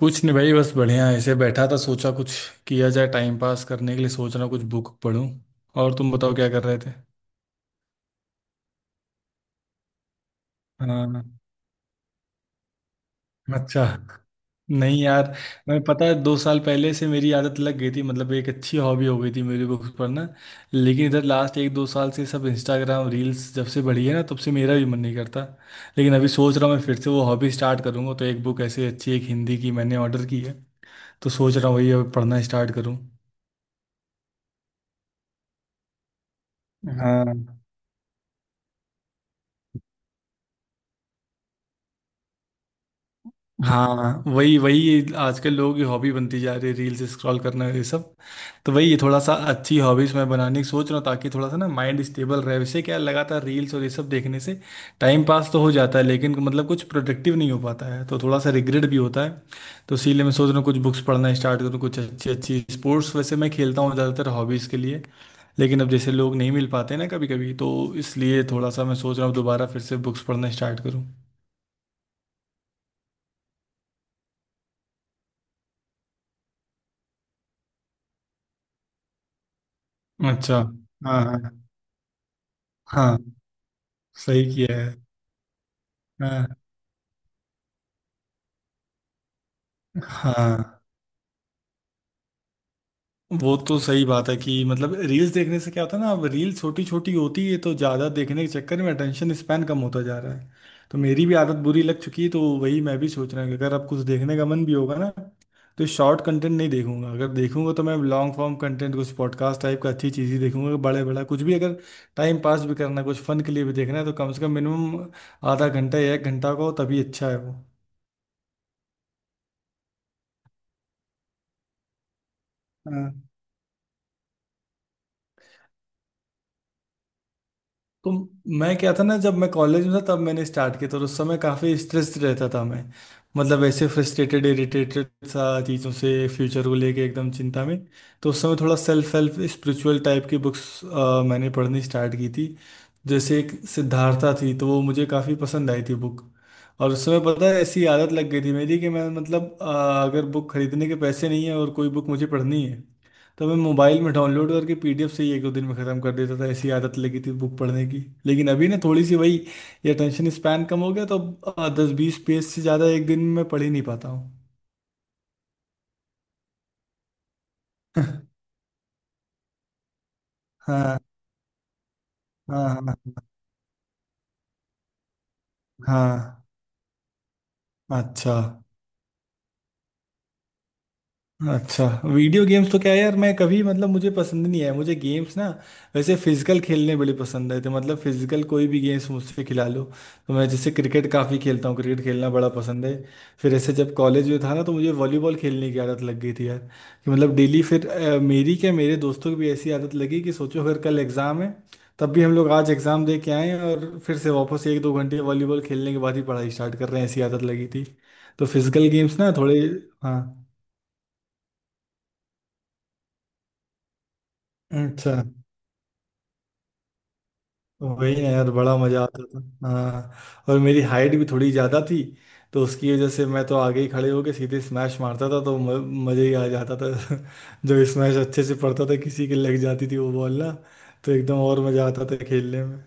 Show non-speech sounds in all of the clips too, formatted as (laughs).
कुछ नहीं भाई। बस बढ़िया ऐसे बैठा था, सोचा कुछ किया जाए टाइम पास करने के लिए। सोच रहा हूँ कुछ बुक पढूं। और तुम बताओ क्या कर रहे थे? हाँ। अच्छा। नहीं यार। मैं पता है 2 साल पहले से मेरी आदत लग गई थी। मतलब एक अच्छी हॉबी हो गई थी मेरी बुक्स पढ़ना। लेकिन इधर लास्ट 1-2 साल से सब इंस्टाग्राम रील्स जब से बढ़ी है ना, तब से मेरा भी मन नहीं करता। लेकिन अभी सोच रहा हूँ मैं फिर से वो हॉबी स्टार्ट करूँगा, तो एक बुक ऐसी अच्छी, एक हिंदी की मैंने ऑर्डर की है। तो सोच रहा हूँ वही अब पढ़ना स्टार्ट करूँ। हाँ। हाँ, वही वही आजकल लोगों की हॉबी बनती जा रही है, रील्स स्क्रॉल करना ये सब। तो वही थोड़ा सा अच्छी हॉबीज मैं बनाने की सोच रहा हूँ, ताकि थोड़ा सा ना माइंड स्टेबल रहे, वैसे क्या, लगातार रील्स और ये सब देखने से टाइम पास तो हो जाता है, लेकिन मतलब कुछ प्रोडक्टिव नहीं हो पाता है, तो थोड़ा सा रिग्रेट भी होता है। तो इसीलिए मैं सोच रहा हूँ कुछ बुक्स पढ़ना स्टार्ट करूँ। कुछ अच्छी अच्छी स्पोर्ट्स वैसे मैं खेलता हूँ ज़्यादातर हॉबीज़ के लिए। लेकिन अब जैसे लोग नहीं मिल पाते ना कभी कभी, तो इसलिए थोड़ा सा मैं सोच रहा हूँ दोबारा फिर से बुक्स पढ़ना स्टार्ट करूँ। अच्छा। हाँ, हाँ। हाँ, सही किया है। हाँ। हाँ, वो तो सही बात है कि मतलब रील्स देखने से क्या होता है ना, अब रील छोटी छोटी होती है तो ज़्यादा देखने के चक्कर में अटेंशन स्पैन कम होता जा रहा है। तो मेरी भी आदत बुरी लग चुकी है, तो वही मैं भी सोच रहा हूँ कि अगर अब कुछ देखने का मन भी होगा ना, तो शॉर्ट कंटेंट नहीं देखूंगा। अगर देखूंगा तो मैं लॉन्ग फॉर्म कंटेंट, कुछ पॉडकास्ट टाइप का, अच्छी चीज़ ही देखूंगा। बड़े बड़ा कुछ भी अगर टाइम पास भी करना है, कुछ फन के लिए भी देखना है, तो कम से कम मिनिमम ½ घंटा या 1 घंटा का हो, तभी अच्छा है वो। हाँ। तो मैं क्या था ना, जब मैं कॉलेज में था तब मैंने स्टार्ट किया था, और उस समय काफ़ी स्ट्रेस्ड रहता था मैं। मतलब ऐसे फ्रस्ट्रेटेड, इरिटेटेड सा चीज़ों से, फ्यूचर को लेके एकदम चिंता में। तो उस समय थोड़ा सेल्फ हेल्प, स्पिरिचुअल टाइप की बुक्स मैंने पढ़नी स्टार्ट की थी। जैसे एक सिद्धार्था थी, तो वो मुझे काफ़ी पसंद आई थी बुक। और उस समय पता है ऐसी आदत लग गई थी मेरी, कि मैं मतलब अगर बुक खरीदने के पैसे नहीं है और कोई बुक मुझे पढ़नी है, तो मैं मोबाइल में डाउनलोड करके पीडीएफ से ही 1-2 दिन में ख़त्म कर देता था। ऐसी आदत लगी थी बुक पढ़ने की। लेकिन अभी ना थोड़ी सी वही, ये अटेंशन स्पैन कम हो गया, तो अब 10-20 पेज से ज़्यादा एक दिन में पढ़ ही नहीं पाता हूँ। (laughs) हाँ। हाँ, हाँ। हाँ। हाँ, अच्छा। अच्छा। वीडियो गेम्स तो क्या है यार, मैं कभी मतलब मुझे पसंद नहीं है, मुझे गेम्स ना, वैसे फिजिकल खेलने बड़े पसंद है। तो मतलब फिजिकल कोई भी गेम्स मुझसे खिला लो, तो मैं जैसे क्रिकेट काफ़ी खेलता हूँ, क्रिकेट खेलना बड़ा पसंद है। फिर ऐसे जब कॉलेज में था ना, तो मुझे वॉलीबॉल खेलने की आदत लग गई थी यार। कि मतलब डेली, फिर मेरी क्या, मेरे दोस्तों की भी ऐसी आदत लगी कि सोचो फिर कल एग्ज़ाम है, तब भी हम लोग आज एग्ज़ाम दे के आए और फिर से वापस 1-2 घंटे वॉलीबॉल खेलने के बाद ही पढ़ाई स्टार्ट कर रहे हैं, ऐसी आदत लगी थी। तो फिजिकल गेम्स ना थोड़े। हाँ। अच्छा। वही ना यार, बड़ा मजा आता था। हाँ, और मेरी हाइट भी थोड़ी ज्यादा थी, तो उसकी वजह से मैं तो आगे ही खड़े होके सीधे स्मैश मारता था, तो मजे ही आ जाता था। (laughs) जो स्मैश अच्छे से पड़ता था, किसी के लग जाती थी वो बॉल ना, तो एकदम और मजा आता था खेलने में।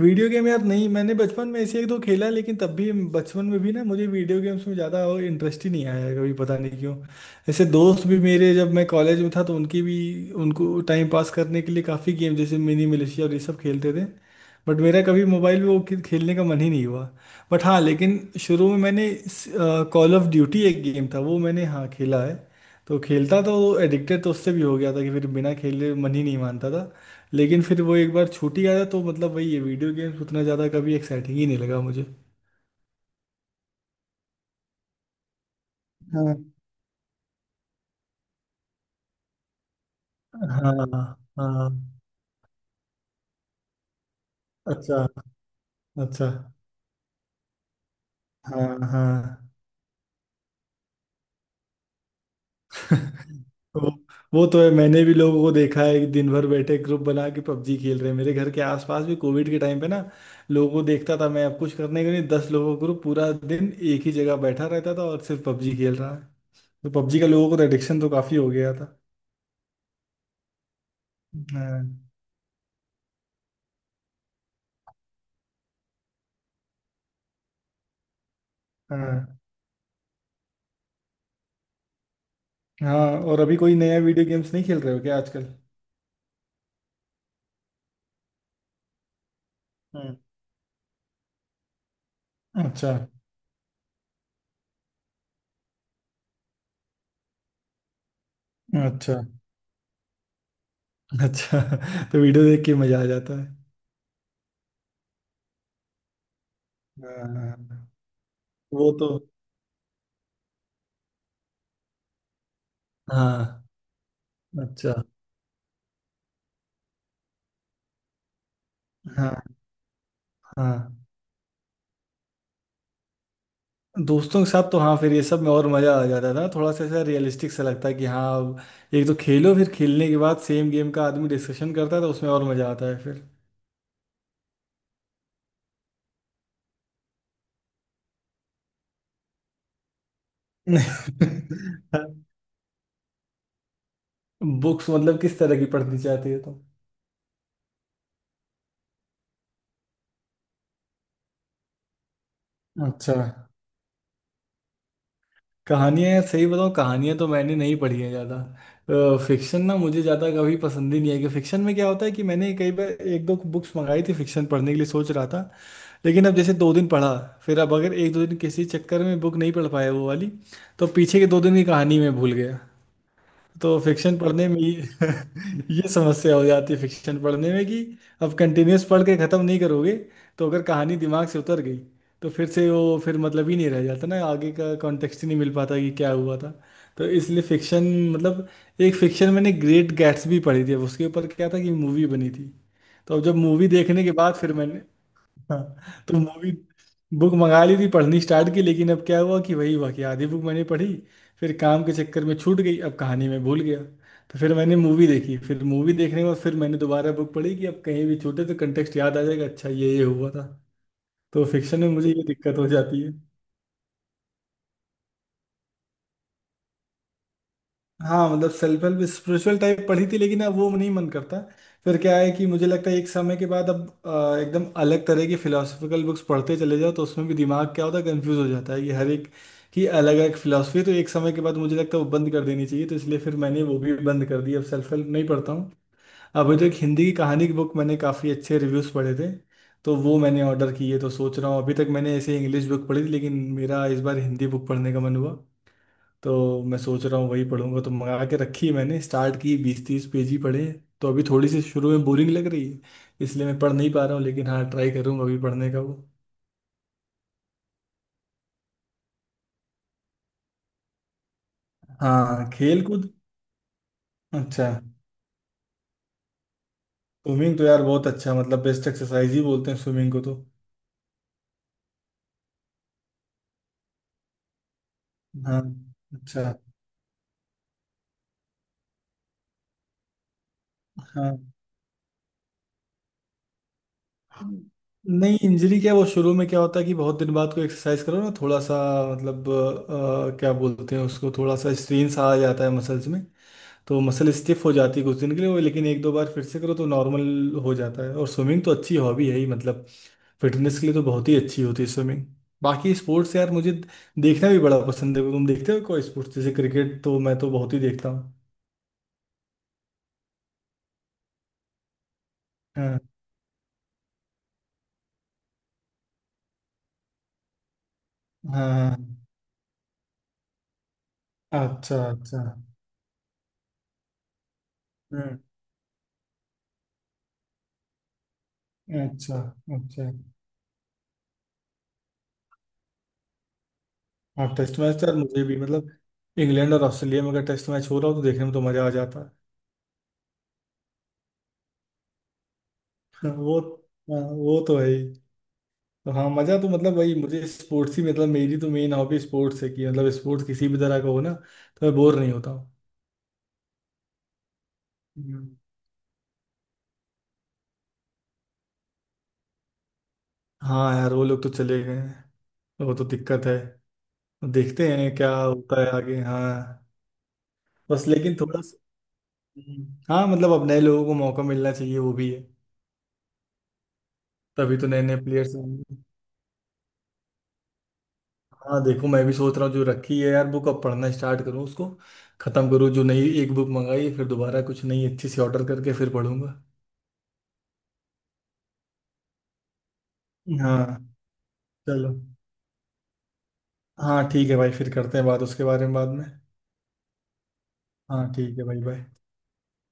वीडियो गेम यार, नहीं मैंने बचपन में ऐसे एक दो खेला, लेकिन तब भी बचपन में भी ना मुझे वीडियो गेम्स में ज़्यादा इंटरेस्ट ही नहीं आया कभी, पता नहीं क्यों। ऐसे दोस्त भी मेरे, जब मैं कॉलेज में था तो उनकी भी, उनको टाइम पास करने के लिए काफ़ी गेम जैसे मिनी मिलिशिया और ये सब खेलते थे। बट मेरा कभी मोबाइल में वो खेलने का मन ही नहीं हुआ। बट हाँ, लेकिन शुरू में मैंने, कॉल ऑफ ड्यूटी एक गेम था वो, मैंने हाँ खेला है। तो खेलता तो, एडिक्टेड तो उससे भी हो गया था, कि फिर बिना खेले मन ही नहीं मानता था। लेकिन फिर वो एक बार छूट ही गया था, तो मतलब वही ये वीडियो गेम्स उतना ज़्यादा कभी एक्साइटिंग ही नहीं लगा मुझे। हाँ। हाँ। हाँ। अच्छा। अच्छा। हाँ, हाँ। (laughs) वो वो तो है, मैंने भी लोगों को देखा है कि दिन भर बैठे ग्रुप बना के पबजी खेल रहे हैं। मेरे घर के आसपास भी कोविड के टाइम पे ना, लोगों को देखता था मैं, अब कुछ करने के लिए 10 लोगों का ग्रुप पूरा दिन एक ही जगह बैठा रहता था और सिर्फ पबजी खेल रहा है। तो पबजी का लोगों को तो एडिक्शन तो काफ़ी हो गया। हाँ। हाँ। हाँ, और अभी कोई नया वीडियो गेम्स नहीं खेल रहे हो क्या आजकल? हम्म। अच्छा। अच्छा। अच्छा। (laughs) तो वीडियो देख के मजा आ जाता है। हाँ, वो तो। हाँ, अच्छा। हाँ। हाँ, दोस्तों के साथ तो हाँ, फिर ये सब में और मजा आ जाता था। थोड़ा सा ऐसा रियलिस्टिक सा लगता है कि हाँ अब एक तो खेलो, फिर खेलने के बाद सेम गेम का आदमी डिस्कशन करता है, तो उसमें और मजा आता है फिर। (laughs) बुक्स मतलब किस तरह की पढ़नी चाहती है तुम? अच्छा। कहानियाँ, सही बताऊँ, कहानियाँ तो मैंने नहीं पढ़ी है ज़्यादा। फिक्शन ना मुझे ज़्यादा कभी पसंद ही नहीं है, कि फिक्शन में क्या होता है कि मैंने कई बार एक दो बुक्स मंगाई थी फिक्शन पढ़ने के लिए, सोच रहा था। लेकिन अब जैसे 2 दिन पढ़ा, फिर अब अगर 1-2 दिन किसी चक्कर में बुक नहीं पढ़ पाया वो वाली, तो पीछे के 2 दिन की कहानी मैं भूल गया। तो फिक्शन पढ़ने में ये (laughs) ये समस्या हो जाती है फिक्शन पढ़ने में, कि अब कंटिन्यूस पढ़ के ख़त्म नहीं करोगे, तो अगर कहानी दिमाग से उतर गई, तो फिर से वो फिर मतलब ही नहीं रह जाता ना, आगे का कॉन्टेक्स्ट ही नहीं मिल पाता कि क्या हुआ था। तो इसलिए फिक्शन मतलब, एक फिक्शन मैंने ग्रेट गैट्सबी पढ़ी थी। अब उसके ऊपर क्या था कि मूवी बनी थी। तो अब जब मूवी देखने के बाद फिर मैंने, हाँ, तो मूवी, बुक मंगा ली थी, पढ़नी स्टार्ट की। लेकिन अब क्या हुआ कि वही हुआ, कि आधी बुक मैंने पढ़ी, फिर काम के चक्कर में छूट गई, अब कहानी में भूल गया। तो फिर मैंने मूवी देखी, फिर मूवी देखने के बाद फिर मैंने दोबारा बुक पढ़ी कि अब कहीं भी छूटे तो कंटेक्स्ट याद आ जाएगा, अच्छा ये हुआ था। तो फिक्शन में मुझे ये दिक्कत हो जाती है। हाँ, मतलब सेल्फ हेल्प स्पिरिचुअल टाइप पढ़ी थी, लेकिन अब वो नहीं मन करता। फिर क्या है कि मुझे लगता है एक समय के बाद अब एकदम अलग तरह की फिलोसफिकल बुक्स पढ़ते चले जाओ, तो उसमें भी दिमाग क्या होता है, कंफ्यूज हो जाता है कि हर एक की अलग अलग फिलोसफी। तो एक समय के बाद मुझे लगता है वो बंद कर देनी चाहिए, तो इसलिए फिर मैंने वो भी बंद कर दी, अब सेल्फ हेल्प नहीं पढ़ता हूँ। अभी तो एक हिंदी की कहानी की बुक मैंने काफ़ी अच्छे रिव्यूज़ पढ़े थे, तो वो मैंने ऑर्डर की है। तो सोच रहा हूँ, अभी तक मैंने ऐसे इंग्लिश बुक पढ़ी थी, लेकिन मेरा इस बार हिंदी बुक पढ़ने का मन हुआ, तो मैं सोच रहा हूँ वही पढ़ूंगा। तो मंगा के रखी है मैंने, स्टार्ट की, 20-30 पेज ही पढ़े, तो अभी थोड़ी सी शुरू में बोरिंग लग रही है, इसलिए मैं पढ़ नहीं पा रहा हूँ। लेकिन हाँ, ट्राई करूंगा अभी पढ़ने का वो। हाँ, खेल कूद। अच्छा। स्विमिंग तो यार बहुत अच्छा, मतलब बेस्ट एक्सरसाइज ही बोलते हैं स्विमिंग को तो। हाँ। अच्छा। हाँ। नहीं, इंजरी क्या, वो शुरू में क्या होता है कि बहुत दिन बाद कोई एक्सरसाइज करो ना, थोड़ा सा मतलब क्या बोलते हैं उसको, थोड़ा सा स्ट्रेन सा आ जाता है मसल्स में, तो मसल स्टिफ हो जाती है कुछ दिन के लिए वो। लेकिन 1-2 बार फिर से करो तो नॉर्मल हो जाता है, और स्विमिंग तो अच्छी हॉबी है ही मतलब, फिटनेस के लिए तो बहुत ही अच्छी होती है स्विमिंग। बाकी स्पोर्ट्स यार मुझे देखना भी बड़ा पसंद है। तुम देखते हो कोई स्पोर्ट्स? जैसे क्रिकेट तो मैं तो बहुत ही देखता हूँ। हाँ। हाँ। अच्छा, अच्छा। हम्म। अच्छा, अच्छा। हाँ, टेस्ट मैच तो यार मुझे भी मतलब, इंग्लैंड और ऑस्ट्रेलिया में अगर टेस्ट मैच हो रहा हो तो देखने में तो मज़ा आ जाता है। (laughs) वो हाँ, वो तो है ही। तो हाँ, मजा तो मतलब वही मुझे स्पोर्ट्स ही, मतलब मेरी तो मेन हॉबी स्पोर्ट्स है, कि मतलब स्पोर्ट्स किसी भी तरह का हो ना, तो मैं बोर नहीं होता हूँ। हम्म। हाँ यार, वो लोग तो चले गए हैं, वो तो दिक्कत है। देखते हैं क्या होता है आगे, हाँ। बस, लेकिन थोड़ा सा। हम्म, हाँ, मतलब अब नए लोगों को मौका मिलना चाहिए, वो भी है। तभी तो नए नए प्लेयर्स आएंगे। हाँ देखो, मैं भी सोच रहा हूँ, जो रखी है यार बुक, अब पढ़ना स्टार्ट करूँ उसको, खत्म करूँ जो नई एक बुक मंगाई है, फिर दोबारा कुछ नई अच्छी सी ऑर्डर करके फिर पढ़ूंगा। हाँ। चलो, हाँ ठीक है भाई, फिर करते हैं बात उसके बारे में बाद में। हाँ ठीक है भाई, बाय।